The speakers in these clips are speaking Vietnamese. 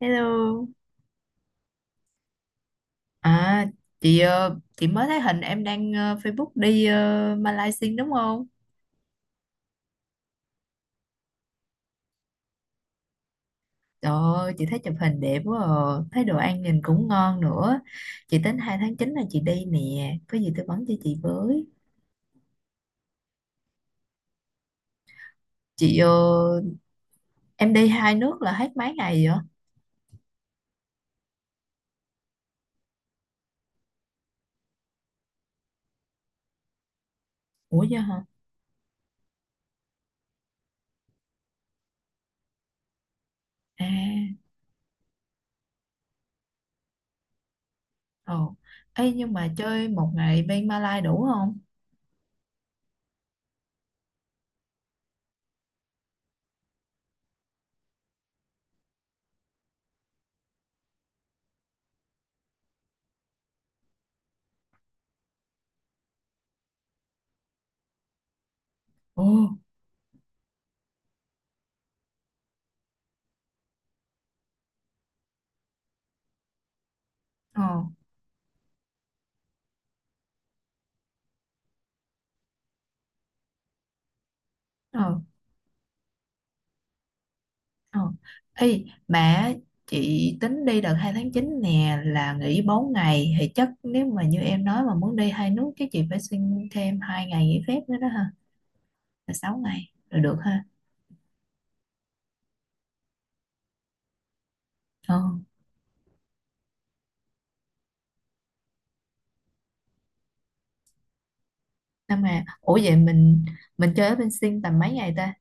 Hello. À, chị mới thấy hình em đang Facebook đi Malaysia đúng không? Trời ơi, chị thấy chụp hình đẹp quá à. Thấy đồ ăn nhìn cũng ngon nữa. Chị tính 2 tháng 9 là chị đi nè, có gì tư vấn cho chị với. Chị ờ, em đi hai nước là hết mấy ngày vậy? Ủa vậy hả? À, ồ. Ê, nhưng mà chơi một ngày bên Malaysia đủ không? Ồ, ồ, ồ. Ờ. Ê, mà chị tính đi đợt 2 tháng 9 nè là nghỉ 4 ngày thì chắc nếu mà như em nói mà muốn đi hai nước cái chị phải xin thêm hai ngày nghỉ phép nữa đó ha, là 6 ngày rồi được ha. Ờ, nhưng mà ủa vậy mình chơi ở bên Sing tầm mấy ngày ta?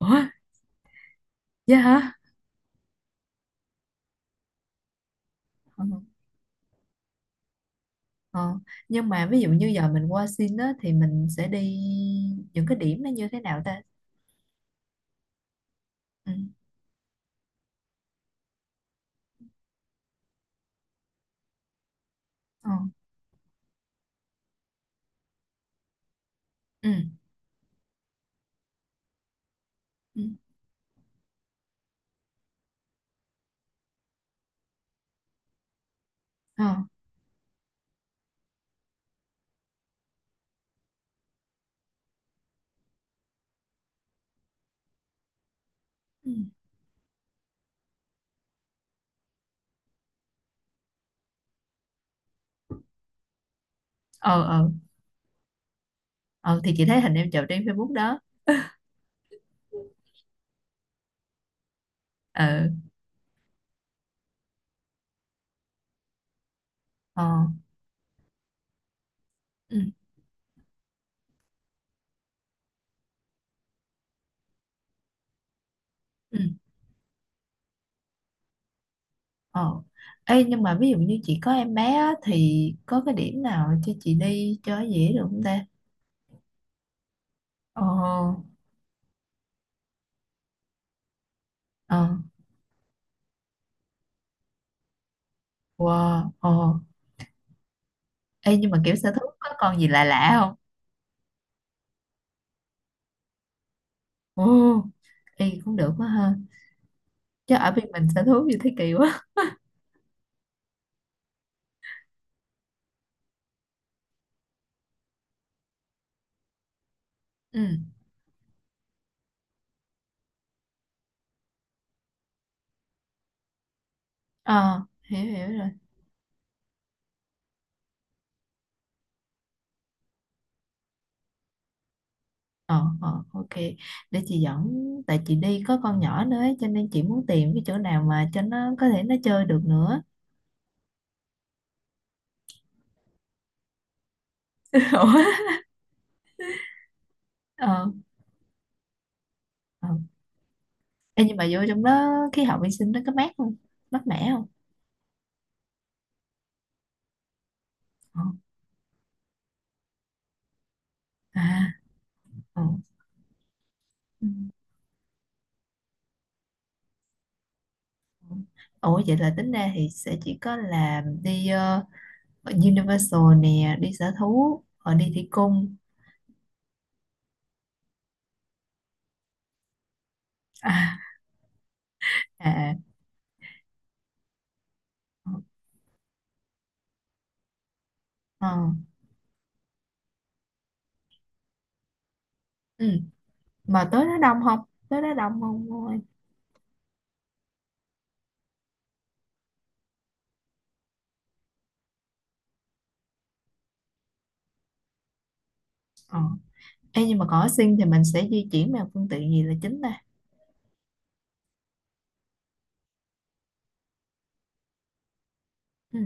Ủa vậy hả? Ờ. Ờ. Nhưng mà ví dụ như giờ mình qua Sing á thì mình sẽ đi những cái điểm nó như thế nào ta? Ừ. Ờ. Ừ. Ừ. Ờ. Ừ. Ờ. Ờ. Ờ, thì chị thấy hình em chụp trên Facebook đó. Ừ. Ờ. Ừ. Ừ. Ờ. Ê, nhưng mà ví dụ như chị có em bé á, thì có cái điểm nào cho chị đi cho dễ được không ta? Ờ. Ờ. Wow. Ờ. Ê, nhưng mà kiểu sở thú có con gì lạ lạ không? Ồ. Ê, cũng được quá ha. Chứ ở bên mình sở thú gì thế kỳ quá. Ừ. Ờ, hiểu hiểu rồi. Ờ. Ờ. Ok. Để chị dẫn, tại chị đi có con nhỏ nữa ấy, cho nên chị muốn tìm cái chỗ nào mà cho nó có thể nó chơi được nữa. Ủa. Ờ. Ờ. Ê, nhưng mà vô trong đó khí hậu vệ sinh nó có mát không? Mát mẻ không? Ờ. À. Ờ. Ừ. Ủa, vậy là tính ra thì sẽ chỉ có là đi Universal nè, đi sở thú, rồi đi thủy cung. À. À. Ờ. Ừ. Mà tới đó đông không? Tới đó đông không cô ơi? Ờ. Ê, nhưng mà có sinh thì mình sẽ di chuyển bằng phương tiện gì là chính ta? Ừ.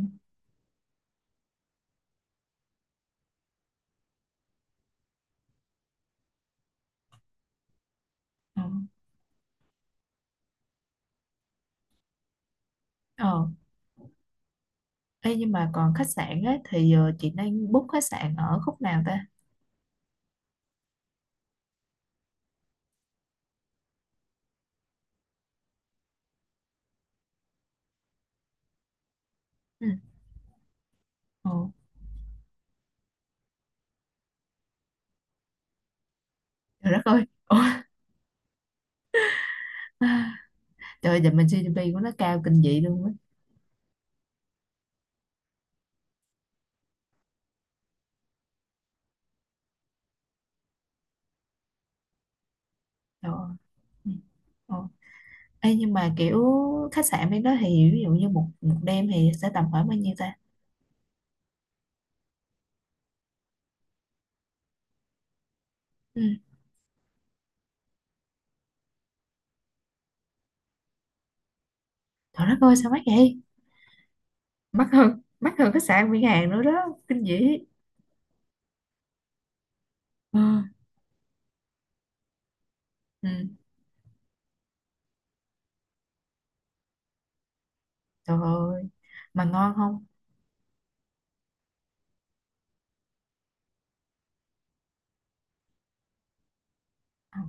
Ờ. Ờ. Ê, nhưng mà còn khách sạn ấy, thì chị đang book khách sạn ở khúc nào ta? Ừ. Ờ. Trời đất ơi. Trời ơi, giờ mình GDP của nó cao kinh dị luôn á. Trời ơi. Ờ. Ê, nhưng mà kiểu khách sạn bên đó thì ví dụ như một một đêm thì sẽ tầm khoảng bao nhiêu ta? Ừ. Trời đất ơi, sao mắc vậy? Mắc hơn khách sạn bên Hàn nữa đó. Kinh dị. Ừ. Ừ. Trời ơi. Mà ngon không? Ờ.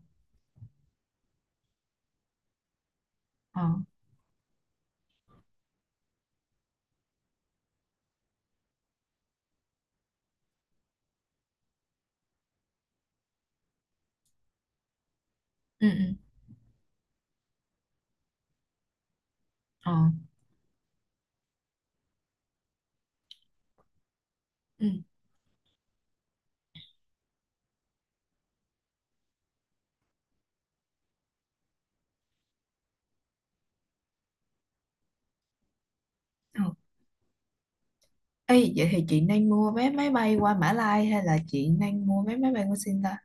Ờ. Ừ. Ừ. Ờ. Ừ. Ờ. Ê, vậy thì chị nên mua vé máy bay qua Mã Lai hay là chị nên mua vé máy bay qua Sing ta?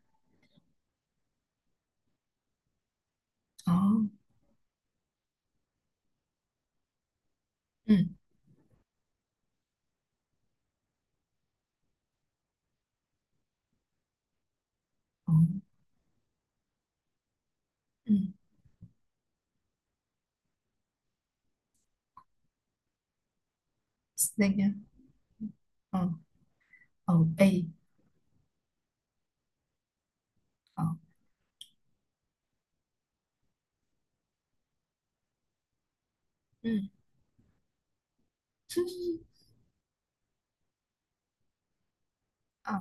Ờ. Ừ. Ừ. Ừ. Sing nha. Ờ. Ừ. Ê. Ờ. Ừ. Ờ.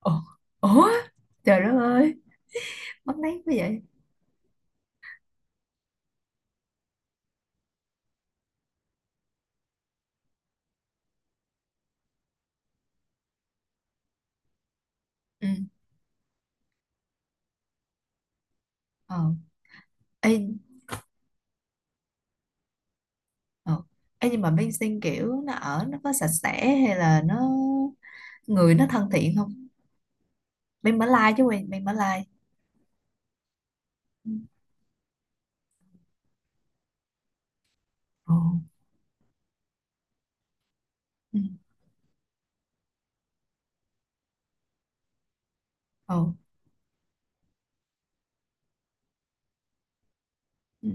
Ủa? Ủa? Trời đất ơi, mất nét quá vậy. Ừ. Ờ. Ê. Ờ. Ê, nhưng mà bên sinh kiểu nó ở nó có sạch sẽ hay là nó, người nó thân thiện không? Bên Mã Lai chứ, quen bên Mã Lai. Ừ. Ờ. Ừ. Ồ. Ừ.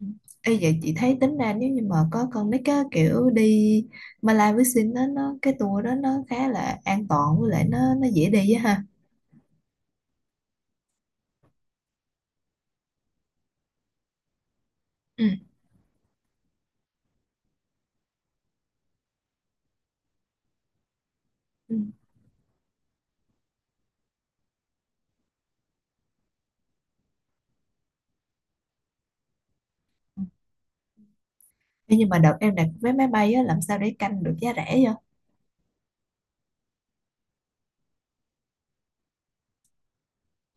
Ừ. Ê, vậy chị thấy tính ra nếu như mà có con nít á, kiểu đi Mã Lai với sinh đó, nó cái tour đó nó khá là an toàn, với lại nó dễ đi á ha. Ừ. Ừ. Ừ. Thế nhưng mà đợt em đặt vé máy bay á, làm sao để canh được giá rẻ vậy?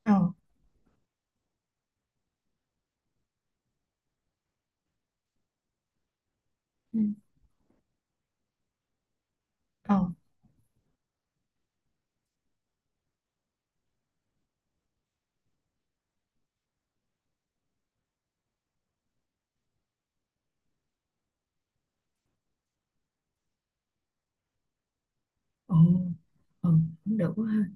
Ờ. Ừ. Ờ. Ừ, ừ, cũng được quá ha.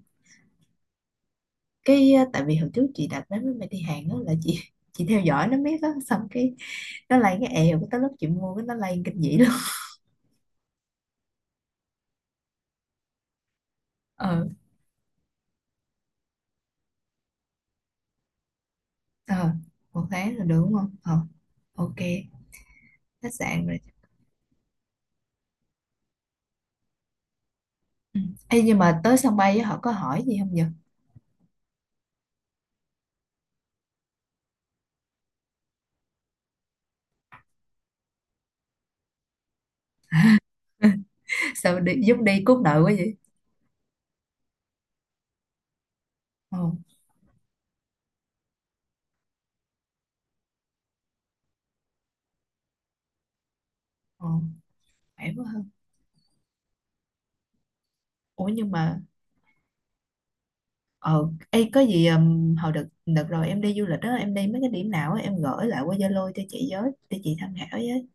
Cái tại vì hồi trước chị đặt vé máy bay đi Hàn á, là chị theo dõi nó biết á, xong cái nó lên, cái èo cái tới lúc chị mua cái nó lên kinh dị luôn. Ờ. Ờ. Một tháng là được đúng không? Ờ, ok, khách sạn rồi. Ừ. Ê, nhưng mà tới sân bay á, họ có hỏi gì không nhỉ? Sao đi, giống đi cốt nợ quá vậy? Ờ. Ờ. Khỏe quá hơn. Ủa nhưng mà. Ờ, ê, có gì hồi đợt đợt rồi em đi du lịch đó, em đi mấy cái điểm nào á em gửi lại qua Zalo cho chị với, để chị tham khảo với.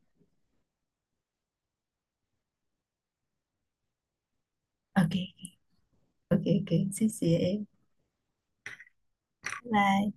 Ok, ok, ok, xin chị em. Bye.